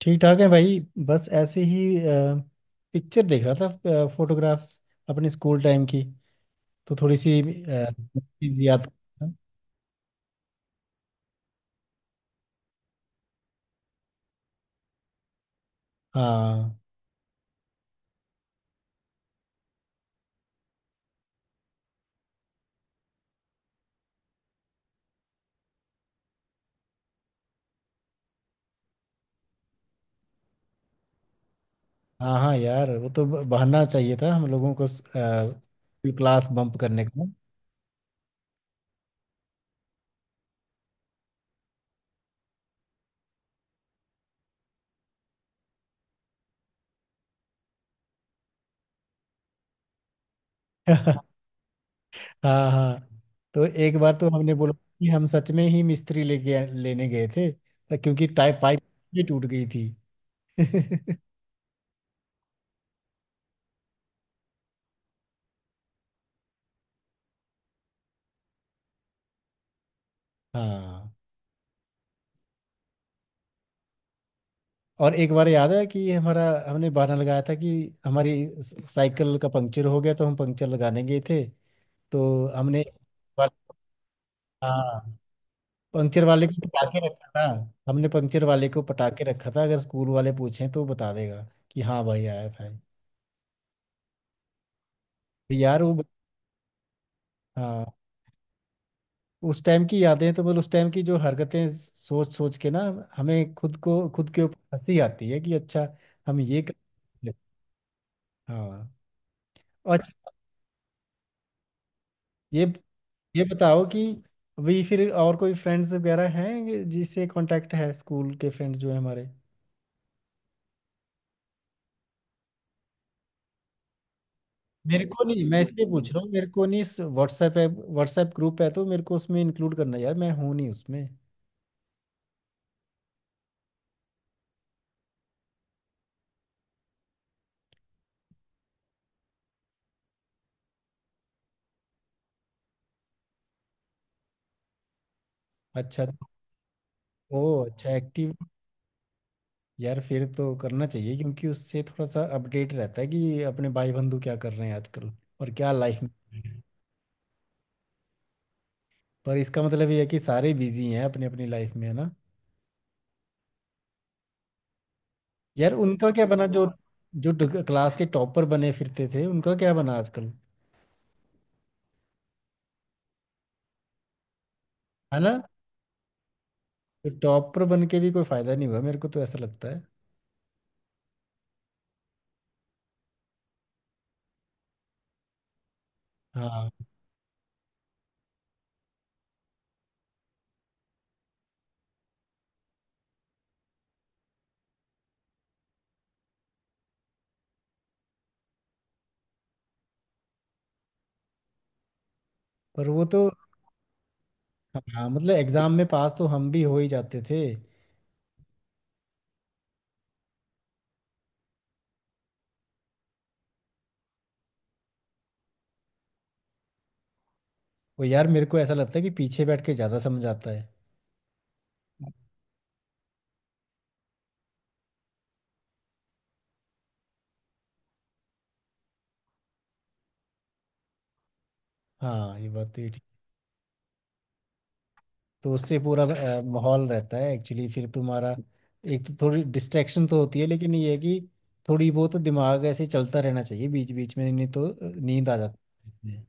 ठीक ठाक है भाई। बस ऐसे ही पिक्चर देख रहा था, फोटोग्राफ्स अपने स्कूल टाइम की, तो थोड़ी सी चीज याद। हाँ हाँ हाँ यार, वो तो बहाना चाहिए था हम लोगों को क्लास बम्प करने का। हाँ हाँ। तो एक बार तो हमने बोला कि हम सच में ही मिस्त्री लेके लेने गए थे, क्योंकि टाइप पाइप भी टूट गई थी। हाँ। और एक बार याद है कि हमारा हमने बहाना लगाया था कि हमारी साइकिल का पंक्चर हो गया, तो हम पंक्चर लगाने गए थे। तो हमने, हाँ, पंक्चर वाले को पटाके रखा था। हमने पंक्चर वाले को पटाके रखा था, अगर स्कूल वाले पूछें तो बता देगा कि हाँ भाई आया था। ये। यार वो, हाँ। उस टाइम की यादें तो, मतलब उस टाइम की जो हरकतें सोच सोच के ना, हमें खुद को खुद के ऊपर हंसी आती है कि अच्छा हम ये कर। हाँ अच्छा। ये ये बताओ कि अभी फिर और कोई फ्रेंड्स वगैरह हैं जिससे कांटेक्ट है, स्कूल के फ्रेंड्स जो है हमारे। मेरे को नहीं, मैं इसलिए पूछ रहा हूँ। मेरे को नहीं, इस व्हाट्सएप है, व्हाट्सएप ग्रुप है तो मेरे को उसमें इंक्लूड करना है यार, मैं हूँ नहीं उसमें। अच्छा तो। ओ अच्छा, एक्टिव। यार फिर तो करना चाहिए, क्योंकि उससे थोड़ा सा अपडेट रहता है कि अपने भाई बंधु क्या कर रहे हैं आजकल, और क्या लाइफ में। पर इसका मतलब ये है कि सारे बिजी हैं अपनी अपनी लाइफ में, है ना? यार उनका क्या बना, जो जो क्लास के टॉपर बने फिरते थे, उनका क्या बना आजकल? है ना? तो टॉपर बन के भी कोई फायदा नहीं हुआ, मेरे को तो ऐसा लगता है। हाँ। पर वो तो, हाँ, मतलब एग्जाम में पास तो हम भी हो ही जाते थे। वो यार, मेरे को ऐसा लगता है कि पीछे बैठ के ज्यादा समझ आता है। हाँ ये बात तो, ये ठीक। तो उससे पूरा माहौल रहता है एक्चुअली फिर तुम्हारा। एक तो थोड़ी डिस्ट्रैक्शन तो होती है, लेकिन ये है कि थोड़ी बहुत तो दिमाग ऐसे चलता रहना चाहिए बीच बीच में, नहीं तो नींद आ जाती है।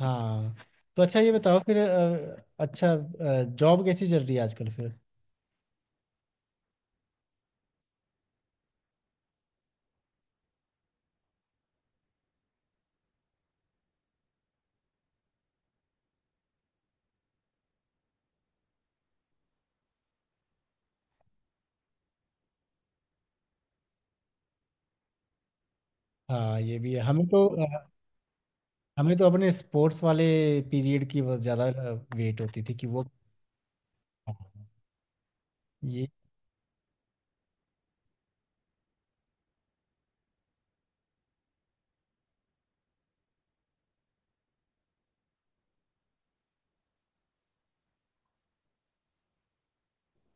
हाँ। तो अच्छा, ये बताओ फिर। अच्छा, जॉब कैसी चल रही है आजकल फिर? हाँ ये भी है। हमें तो अपने स्पोर्ट्स वाले पीरियड की बहुत ज़्यादा वेट होती थी कि वो, ये।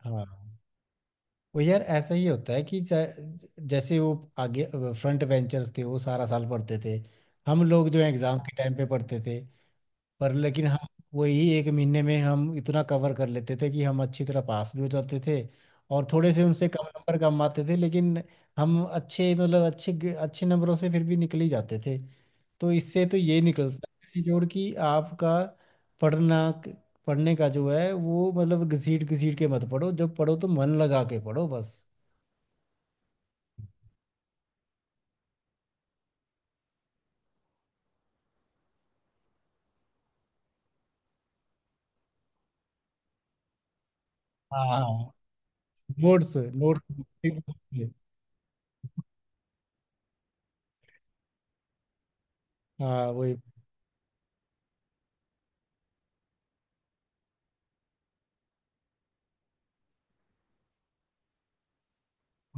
हाँ। वो यार ऐसा ही होता है कि जैसे वो आगे फ्रंट बेंचर्स थे, वो सारा साल पढ़ते थे, हम लोग जो एग्ज़ाम के टाइम पे पढ़ते थे। पर लेकिन हम वही एक महीने में हम इतना कवर कर लेते थे कि हम अच्छी तरह पास भी हो जाते थे। और थोड़े से उनसे कम नंबर कम आते थे, लेकिन हम अच्छे, मतलब अच्छे अच्छे नंबरों से फिर भी निकल ही जाते थे। तो इससे तो ये निकलता है जोड़, कि आपका पढ़ना, पढ़ने का जो है वो, मतलब घसीट घसीट के मत पढ़ो, जब पढ़ो तो मन लगा के पढ़ो बस। हाँ नोट्स नोट्स। हाँ वही,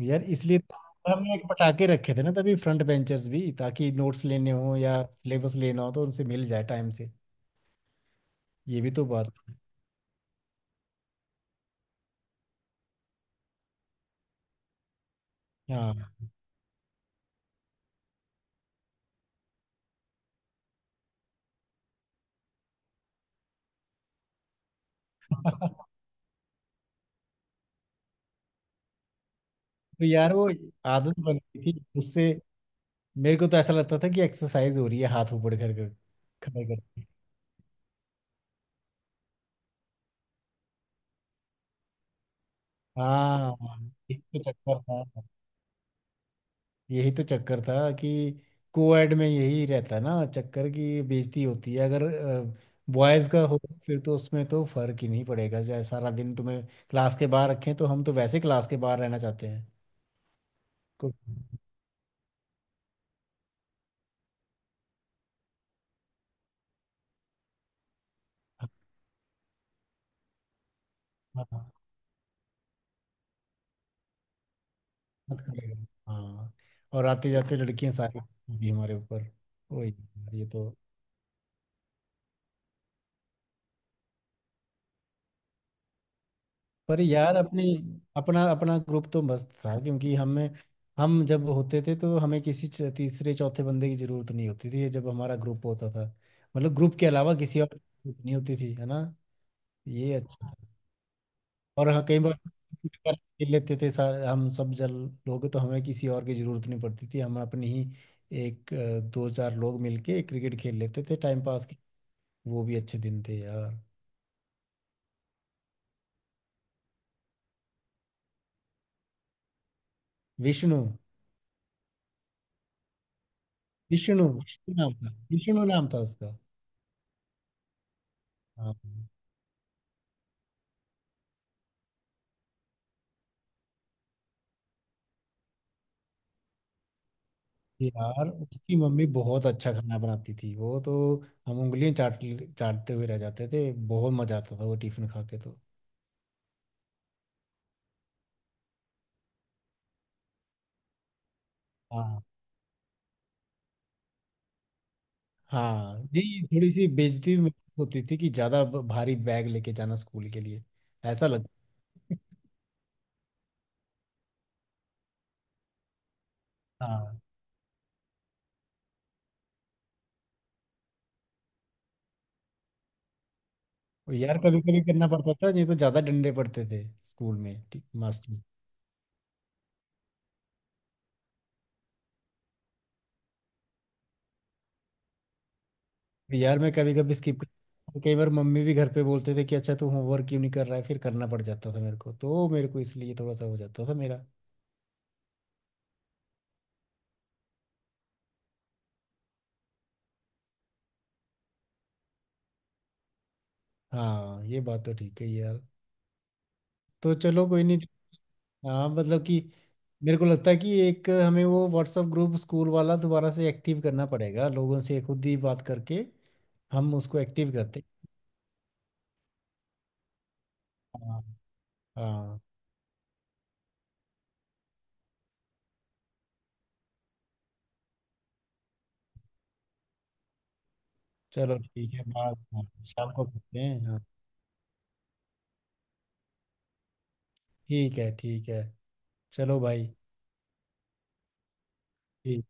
यार इसलिए तो हमने एक पटाके रखे थे ना तभी फ्रंट बेंचर्स भी, ताकि नोट्स लेने हो या सिलेबस लेना हो तो उनसे मिल जाए टाइम से। ये भी तो बात है। हाँ। तो यार वो आदत बन गई थी उससे। मेरे को तो ऐसा लगता था कि एक्सरसाइज हो रही है, हाथ ऊपर कर कर खड़े कर। हाँ एक तो चक्कर था, यही तो चक्कर था कि कोएड में यही रहता ना चक्कर की, बेइज्जती होती है अगर बॉयज का हो। फिर तो उसमें तो फर्क ही नहीं पड़ेगा, चाहे सारा दिन तुम्हें क्लास के बाहर रखें, तो हम तो वैसे क्लास के बाहर रहना चाहते हैं। को- हाँ हाँ, मत करेगा। हाँ, और आते जाते लड़कियां सारी भी हमारे ऊपर वही, ये तो। पर यार अपनी, अपना अपना ग्रुप तो मस्त था, क्योंकि हमें हम जब होते थे तो हमें किसी तीसरे चौथे बंदे की जरूरत नहीं होती थी, जब हमारा ग्रुप होता था। मतलब ग्रुप के अलावा किसी और की जरूरत नहीं होती थी, है ना? ये अच्छा था। और हाँ कई बार खेल लेते थे सारे, हम सब जल लोग तो हमें किसी और की जरूरत नहीं पड़ती थी। हम अपनी ही एक, दो चार लोग मिलके क्रिकेट खेल लेते थे टाइम पास के। वो भी अच्छे दिन थे यार। विष्णु, विष्णु विष्णु नाम था, विष्णु नाम था उसका। हाँ यार, उसकी मम्मी बहुत अच्छा खाना बनाती थी वो तो। हम उंगलियां चाट चाटते हुए रह जाते थे। बहुत मजा आता था वो टिफिन खा के तो। हाँ हाँ नहीं, थोड़ी सी बेइज्जती महसूस होती थी कि ज्यादा भारी बैग लेके जाना स्कूल के लिए ऐसा लगता। हाँ। और यार, कभी कभी करना पड़ता था, नहीं तो ज्यादा डंडे पड़ते थे स्कूल में मास्टर से। यार मैं कभी कभी स्किप कर, तो कई बार मम्मी भी घर पे बोलते थे कि अच्छा तू होमवर्क क्यों नहीं कर रहा है, फिर करना पड़ जाता था मेरे को, तो मेरे को इसलिए थोड़ा सा हो जाता था मेरा। हाँ ये बात तो ठीक है यार। तो चलो कोई नहीं। हाँ मतलब कि, मेरे को लगता है कि एक हमें वो व्हाट्सएप ग्रुप स्कूल वाला दोबारा से एक्टिव करना पड़ेगा, लोगों से खुद ही बात करके हम उसको एक्टिव करते हैं। हाँ हाँ चलो ठीक है, बात, हाँ, शाम को करते हैं। हाँ ठीक है, ठीक है, चलो भाई। ठीक।